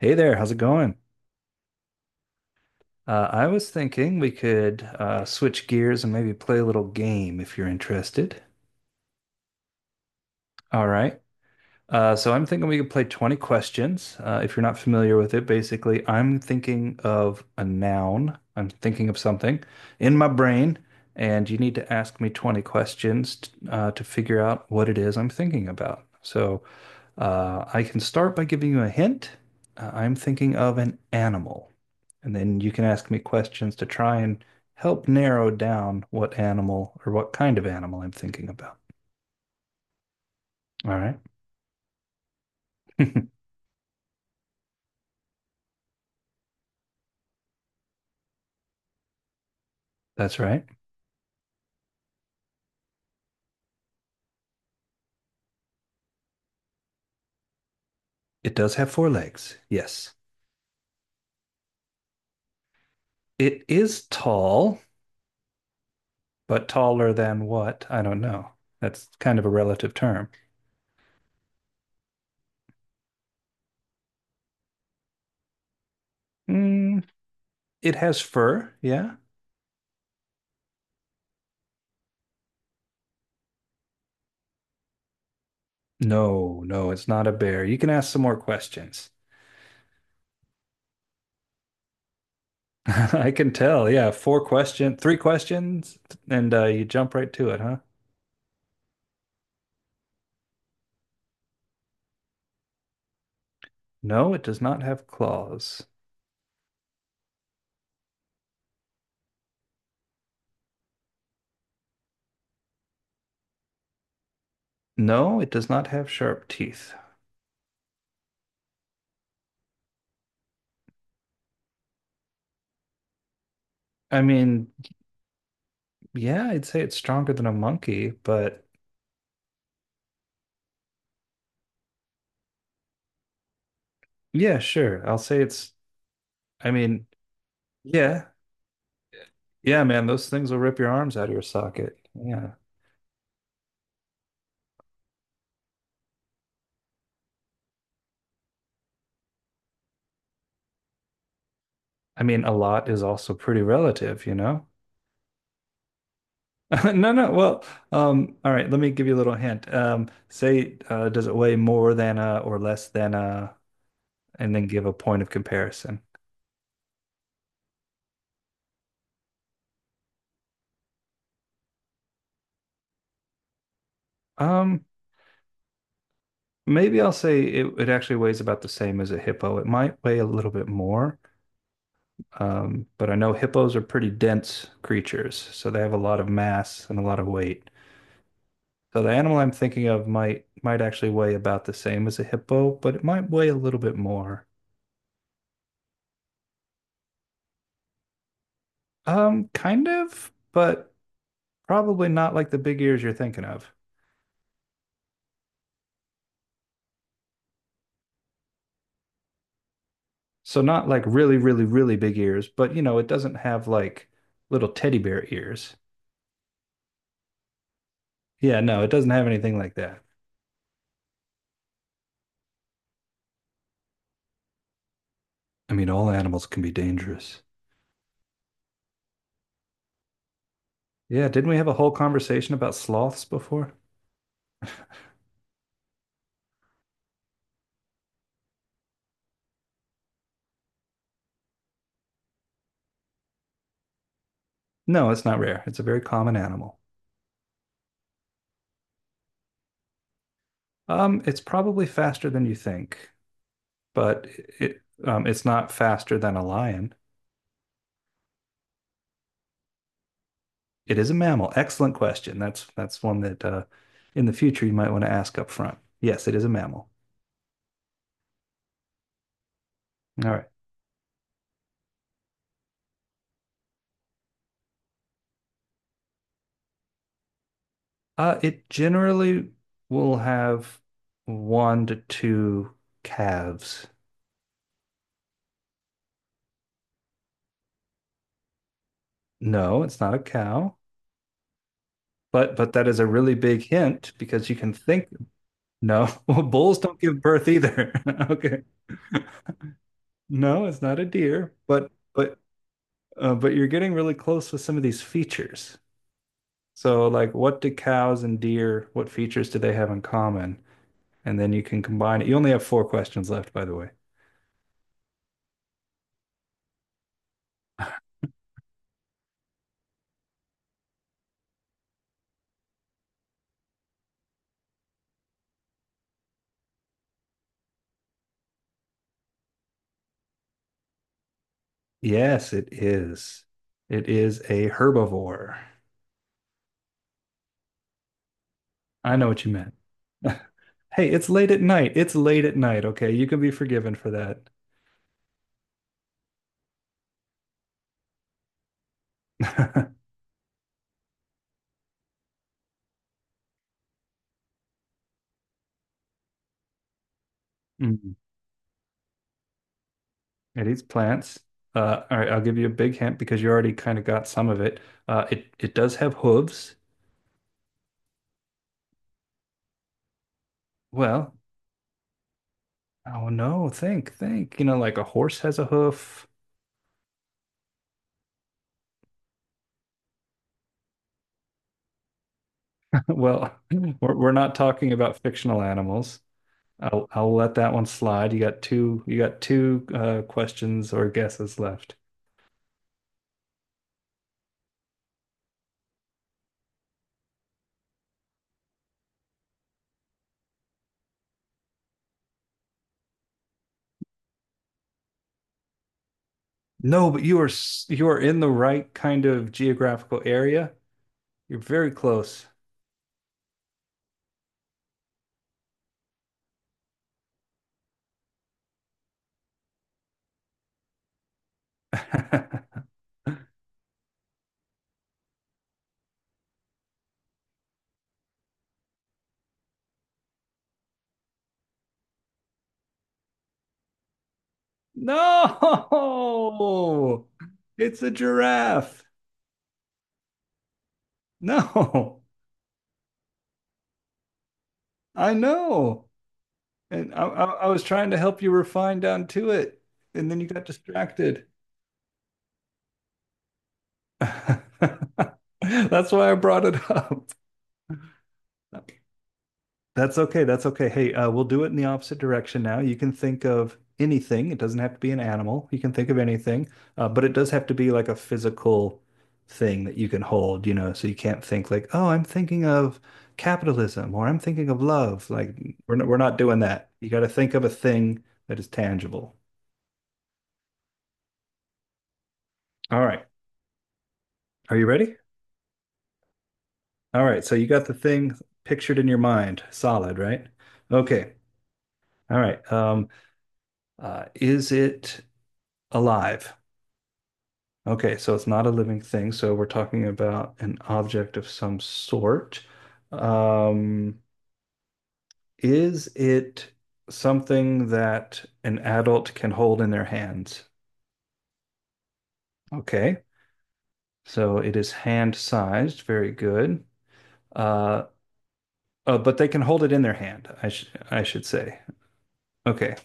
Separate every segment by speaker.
Speaker 1: Hey there, how's it going? I was thinking we could switch gears and maybe play a little game if you're interested. All right. So I'm thinking we could play 20 questions. If you're not familiar with it, basically, I'm thinking of a noun. I'm thinking of something in my brain, and you need to ask me 20 questions to figure out what it is I'm thinking about. So I can start by giving you a hint. I'm thinking of an animal, and then you can ask me questions to try and help narrow down what animal or what kind of animal I'm thinking about. All right. That's right. It does have four legs. Yes. It is tall, but taller than what? I don't know. That's kind of a relative term. Mm, it has fur. Yeah. No, no, it's not a bear. You can ask some more questions. I can tell. Yeah. Three questions, and you jump right to it, huh? No, it does not have claws. No, it does not have sharp teeth. I mean, yeah, I'd say it's stronger than a monkey, but yeah, sure. I'll say it's, I mean, yeah, Yeah, man, those things will rip your arms out of your socket. Yeah. I mean, a lot is also pretty relative, you know? No, no. Well, all right, let me give you a little hint. Say, does it weigh more than a or less than a? And then give a point of comparison. Um, maybe it actually weighs about the same as a hippo. It might weigh a little bit more. But I know hippos are pretty dense creatures, so they have a lot of mass and a lot of weight. So the animal I'm thinking of might actually weigh about the same as a hippo, but it might weigh a little bit more. Kind of, but probably not like the big ears you're thinking of. So not like really, really, really big ears, but you know, it doesn't have like little teddy bear ears. Yeah, no, it doesn't have anything like that. I mean, all animals can be dangerous. Yeah, didn't we have a whole conversation about sloths before? No, it's not rare. It's a very common animal. It's probably faster than you think, but it's not faster than a lion. It is a mammal. Excellent question. That's one that in the future you might want to ask up front. Yes, it is a mammal. All right. It generally will have one to two calves. No, it's not a cow. But that is a really big hint because you can think no, well, bulls don't give birth either. Okay. No, it's not a deer, but but you're getting really close with some of these features. So, like, what do cows and deer, what features do they have in common? And then you can combine it. You only have four questions left, by the way. Yes, it is. It is a herbivore. I know what you meant. Hey, it's late at night. It's late at night. Okay, you can be forgiven for that. Mm. It eats plants. All right, I'll give you a big hint because you already kind of got some of it. It does have hooves. Well, oh no, think, think. You know, like a horse has a hoof. Well, we're not talking about fictional animals. I'll let that one slide. You got two questions or guesses left. No, but you are in the right kind of geographical area. You're very close. No, it's a giraffe. No, I know. And I was trying to help you refine down to it, and then you got distracted. That's why I brought it up. No. That's okay. That's okay. Hey, we'll do it in the opposite direction now. You can think of anything. It doesn't have to be an animal. You can think of anything, but it does have to be like a physical thing that you can hold, you know, so you can't think like, oh, I'm thinking of capitalism or I'm thinking of love. Like we're not doing that. You got to think of a thing that is tangible. All right. Are you ready? All right. So you got the thing pictured in your mind, solid, right? Okay. All right. Is it alive? Okay, so it's not a living thing, so we're talking about an object of some sort. Um, is it something that an adult can hold in their hands? Okay, so it is hand-sized, very good. Uh, but they can hold it in their hand, I should say. Okay.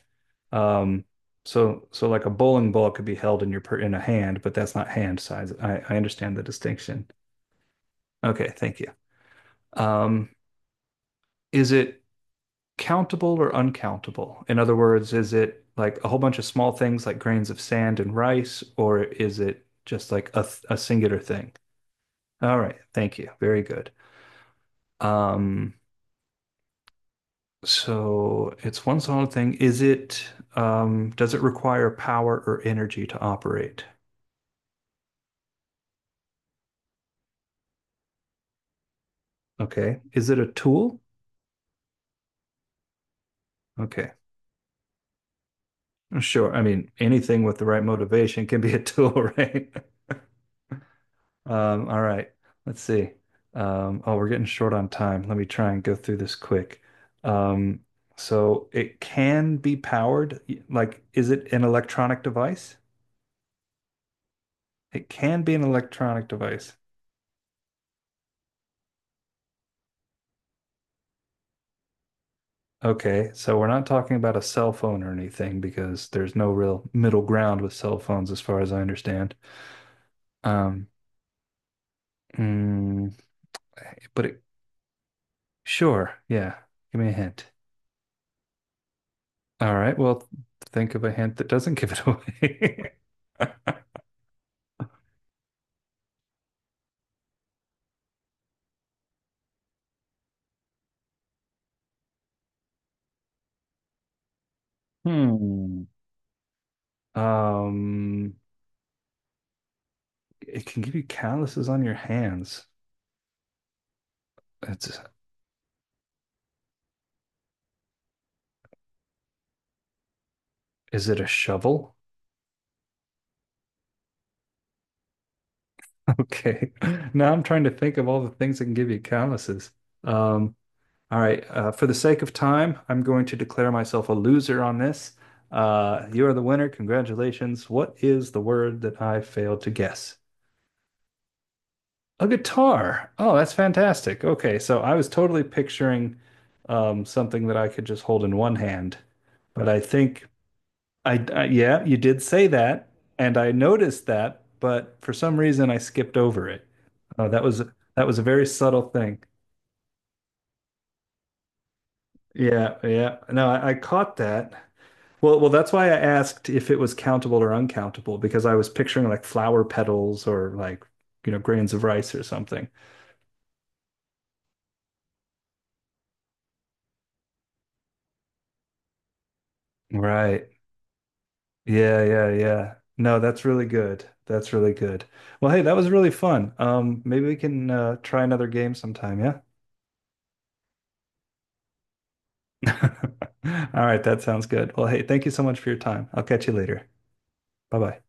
Speaker 1: Um, so like a bowling ball could be held in your per in a hand, but that's not hand size. I understand the distinction. Okay, thank you. Um, is it countable or uncountable? In other words, is it like a whole bunch of small things like grains of sand and rice, or is it just like a singular thing? All right, thank you. Very good. Um, so it's one solid thing. Does it require power or energy to operate? Okay. Is it a tool? Okay. Sure. I mean, anything with the right motivation can be a tool, right? All right, let's see. Oh, we're getting short on time. Let me try and go through this quick. Um, so it can be powered. Like, is it an electronic device? It can be an electronic device. Okay, so we're not talking about a cell phone or anything because there's no real middle ground with cell phones, as far as I understand. Um, mm, but it, sure, yeah. Give me a hint. All right, well, think of a hint that doesn't give it away. Hmm. Um, it can give you calluses on your hands. It's, is it a shovel? Okay. Now I'm trying to think of all the things that can give you calluses. Um, all right. For the sake of time, I'm going to declare myself a loser on this. You are the winner. Congratulations. What is the word that I failed to guess? A guitar. Oh, that's fantastic. Okay. So I was totally picturing something that I could just hold in one hand. But I yeah, you did say that, and I noticed that, but for some reason I skipped over it. Oh, that was a very subtle thing. Yeah, yeah. No, I caught that. Well, well, that's why I asked if it was countable or uncountable because I was picturing like flower petals or like, you know, grains of rice or something. Right. Yeah, yeah, yeah. No, that's really good. That's really good. Well, hey, that was really fun. Maybe we can try another game sometime, yeah? All right, that sounds good. Well, hey, thank you so much for your time. I'll catch you later. Bye bye.